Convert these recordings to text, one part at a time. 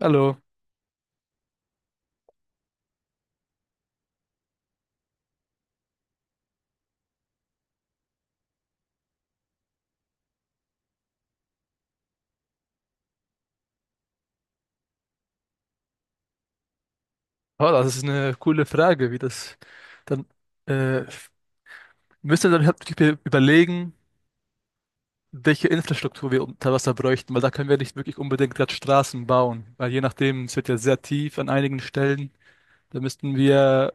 Hallo. Oh, das ist eine coole Frage. Wie das dann äh, müssen dann halt wirklich überlegen, welche Infrastruktur wir unter Wasser bräuchten, weil da können wir nicht wirklich unbedingt gerade Straßen bauen, weil je nachdem, es wird ja sehr tief an einigen Stellen. Da müssten wir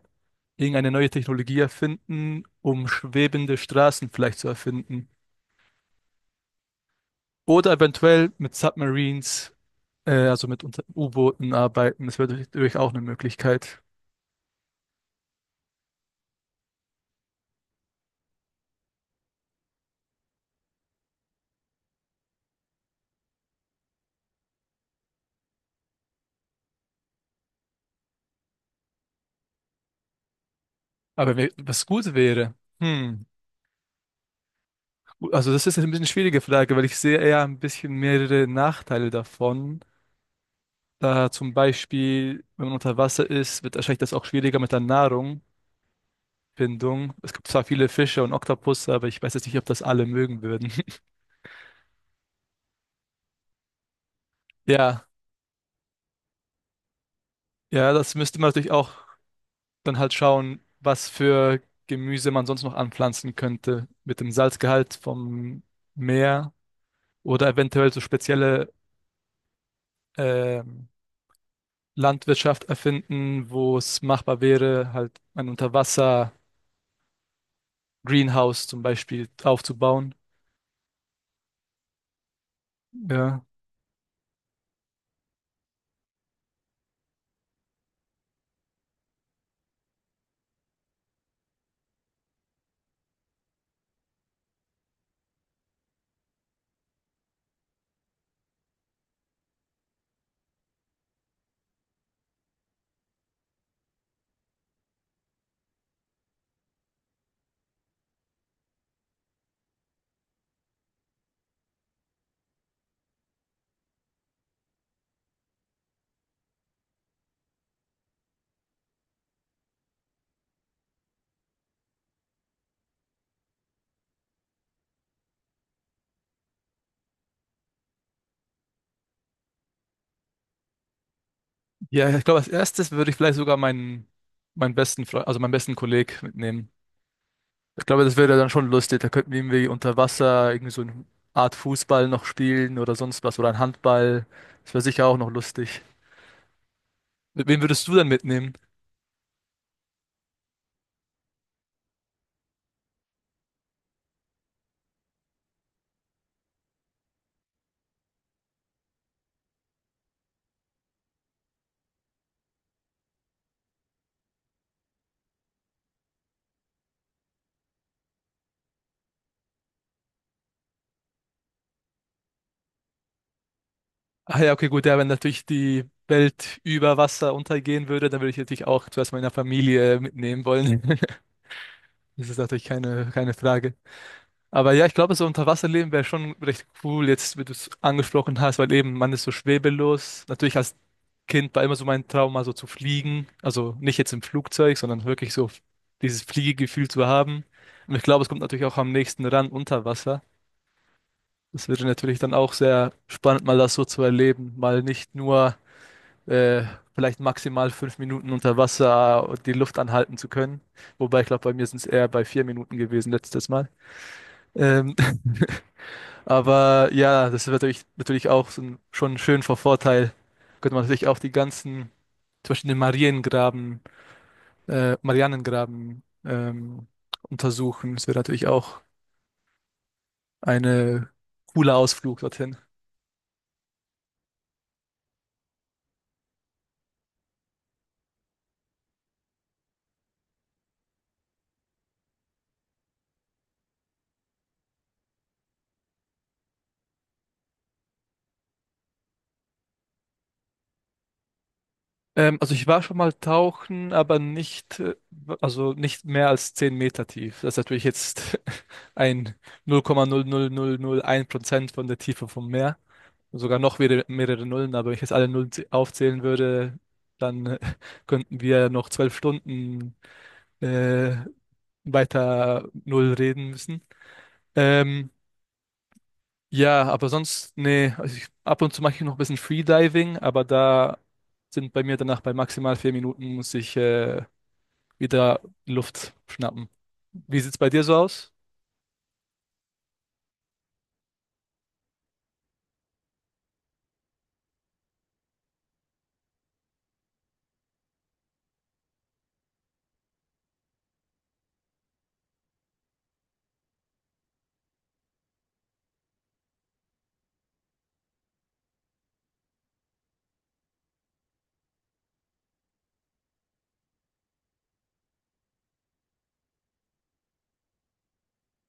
irgendeine neue Technologie erfinden, um schwebende Straßen vielleicht zu erfinden. Oder eventuell mit Submarines, also mit U-Booten arbeiten. Das wäre natürlich auch eine Möglichkeit. Aber wenn wir- was gut wäre. Hm. Also das ist ein bisschen eine schwierige Frage, weil ich sehe eher ein bisschen mehrere Nachteile davon. Da zum Beispiel, wenn man unter Wasser ist, wird wahrscheinlich das auch schwieriger mit der Nahrungfindung. Es gibt zwar viele Fische und Oktopusse, aber ich weiß jetzt nicht, ob das alle mögen würden. Ja, ja, das müsste man natürlich auch dann halt schauen, was für Gemüse man sonst noch anpflanzen könnte mit dem Salzgehalt vom Meer, oder eventuell so spezielle ähm, Landwirtschaft erfinden, wo es machbar wäre, halt ein Unterwasser-Greenhouse zum Beispiel aufzubauen. Ja, ja, ich glaube, als erstes würde ich vielleicht sogar meinen besten Freund, also meinen besten Kollegen mitnehmen. Ich glaube, das wäre dann schon lustig. Da könnten wir irgendwie unter Wasser irgendwie so eine Art Fußball noch spielen oder sonst was oder ein Handball. Das wäre sicher auch noch lustig. Mit wem würdest du dann mitnehmen? Ah ja, okay, gut, ja, wenn natürlich die Welt über Wasser untergehen würde, dann würde ich natürlich auch zuerst meine Familie mitnehmen wollen. Das ist natürlich keine Frage. Aber ja, ich glaube, so Unterwasserleben wäre schon recht cool, jetzt, wie du es angesprochen hast, weil eben man ist so schwebelos. Natürlich als Kind war immer so mein Traum, mal so zu fliegen. Also nicht jetzt im Flugzeug, sondern wirklich so dieses Fliegegefühl zu haben. Und ich glaube, es kommt natürlich auch am nächsten ran unter Wasser. Das wäre natürlich dann auch sehr spannend, mal das so zu erleben. Mal nicht nur äh, vielleicht maximal 5 Minuten unter Wasser die Luft anhalten zu können. Wobei ich glaube, bei mir sind es eher bei 4 Minuten gewesen letztes Mal. Ähm, aber ja, das ist natürlich auch so ein, schon schön Vorteil. Könnte man natürlich auch zum Beispiel den Marianengraben untersuchen. Das wäre natürlich auch eine cooler Ausflug dorthin. Also ich war schon mal tauchen, aber nicht, also nicht mehr als 10 Meter tief. Das ist natürlich jetzt ein null Komma null null null null Komma Prozent von der Tiefe vom Meer. Sogar noch wieder mehrere Nullen, aber wenn ich jetzt alle Nullen aufzählen würde, dann könnten wir ja noch 12 Stunden äh, weiter Null reden müssen. Ähm, ja, aber sonst, nee, also ich, ab und zu mache ich noch ein bisschen Freediving, aber da sind bei mir danach bei maximal 4 Minuten muss ich wieder Luft schnappen. Wie sieht's bei dir so aus?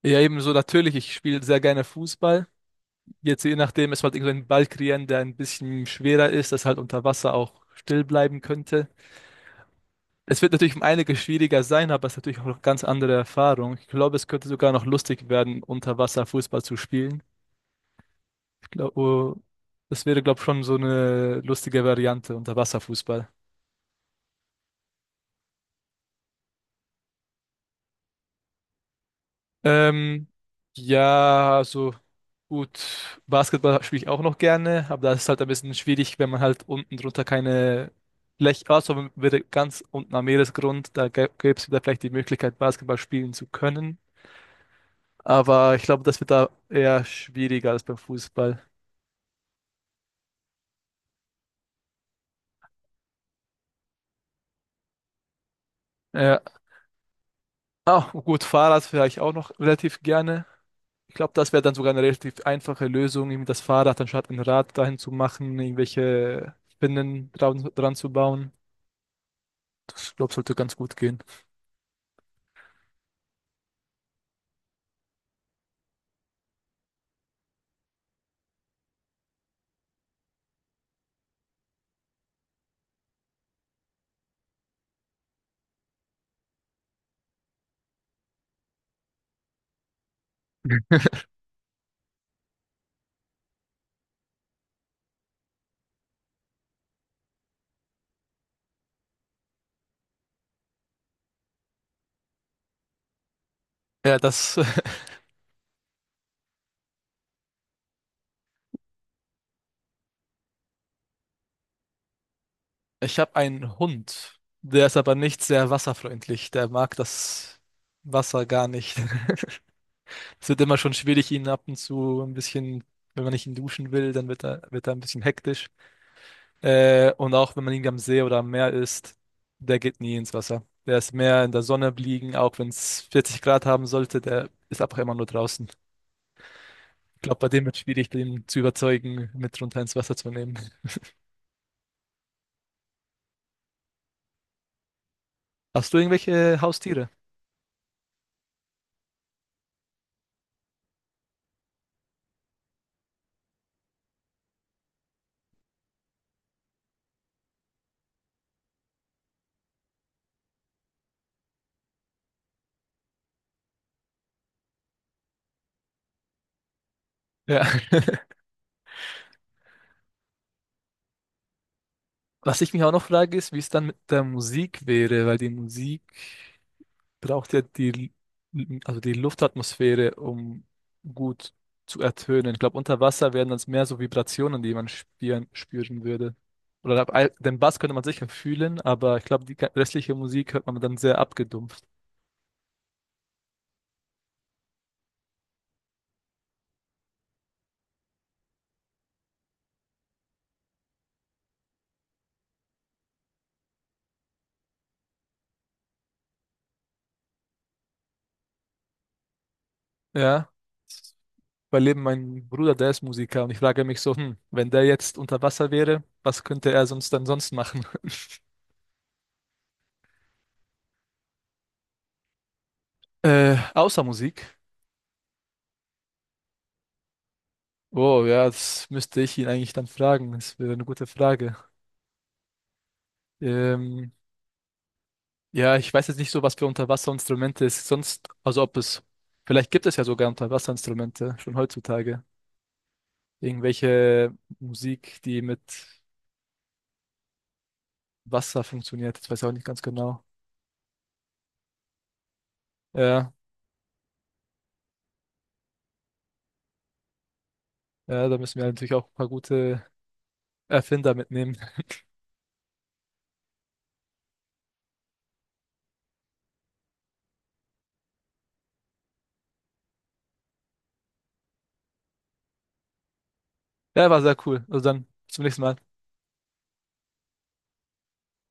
Ja, ebenso natürlich, ich spiele sehr gerne Fußball. Jetzt je nachdem, es halt irgendeinen Ball kreieren, der ein bisschen schwerer ist, das halt unter Wasser auch still bleiben könnte. Es wird natürlich um einiges schwieriger sein, aber es ist natürlich auch noch ganz andere Erfahrung. Ich glaube, es könnte sogar noch lustig werden, unter Wasser Fußball zu spielen. Ich glaube, das wäre, glaube ich, schon so eine lustige Variante, unter Wasser Fußball. Ähm, ja, also gut, Basketball spiele ich auch noch gerne, aber das ist halt ein bisschen schwierig, wenn man halt unten drunter keine Fläche, also wenn wir ganz unten am Meeresgrund, da gäbe es wieder vielleicht die Möglichkeit, Basketball spielen zu können. Aber ich glaube, das wird da eher schwieriger als beim Fußball. Ja. Ah, gut, Fahrrad fahre ich auch noch relativ gerne. Ich glaube, das wäre dann sogar eine relativ einfache Lösung, irgendwie das Fahrrad anstatt ein Rad dahin zu machen, irgendwelche Spinnen dran zu bauen. Das, glaube sollte ganz gut gehen. Ja, das Ich habe einen Hund, der ist aber nicht sehr wasserfreundlich. Der mag das Wasser gar nicht. Es wird immer schon schwierig, ihn ab und zu ein bisschen, wenn man nicht ihn duschen will, dann wird er ein bisschen hektisch. Und auch wenn man ihn am See oder am Meer ist, der geht nie ins Wasser. Der ist mehr in der Sonne liegen, auch wenn es 40 Grad haben sollte, der ist einfach immer nur draußen. Ich glaube, bei dem wird es schwierig, den zu überzeugen, mit runter ins Wasser zu nehmen. Hast du irgendwelche Haustiere? Ja. Was ich mich auch noch frage, ist, wie es dann mit der Musik wäre, weil die Musik braucht ja also die Luftatmosphäre, um gut zu ertönen. Ich glaube, unter Wasser wären das mehr so Vibrationen, die man spüren würde. Oder den Bass könnte man sicher fühlen, aber ich glaube, die restliche Musik hört man dann sehr abgedumpft. Ja. Bei Leben, mein Bruder, der ist Musiker und ich frage mich so, hm, wenn der jetzt unter Wasser wäre, was könnte er sonst dann sonst machen? Außer Musik. Oh, ja, das müsste ich ihn eigentlich dann fragen. Das wäre eine gute Frage. Ähm, ja, ich weiß jetzt nicht so, was für Unterwasserinstrumente es sonst, also ob es, vielleicht gibt es ja sogar Unterwasserinstrumente schon heutzutage. Irgendwelche Musik, die mit Wasser funktioniert. Ich weiß ich auch nicht ganz genau. Ja, ja, da müssen wir natürlich auch ein paar gute Erfinder mitnehmen. Ja, war sehr cool. Also dann zum nächsten Mal.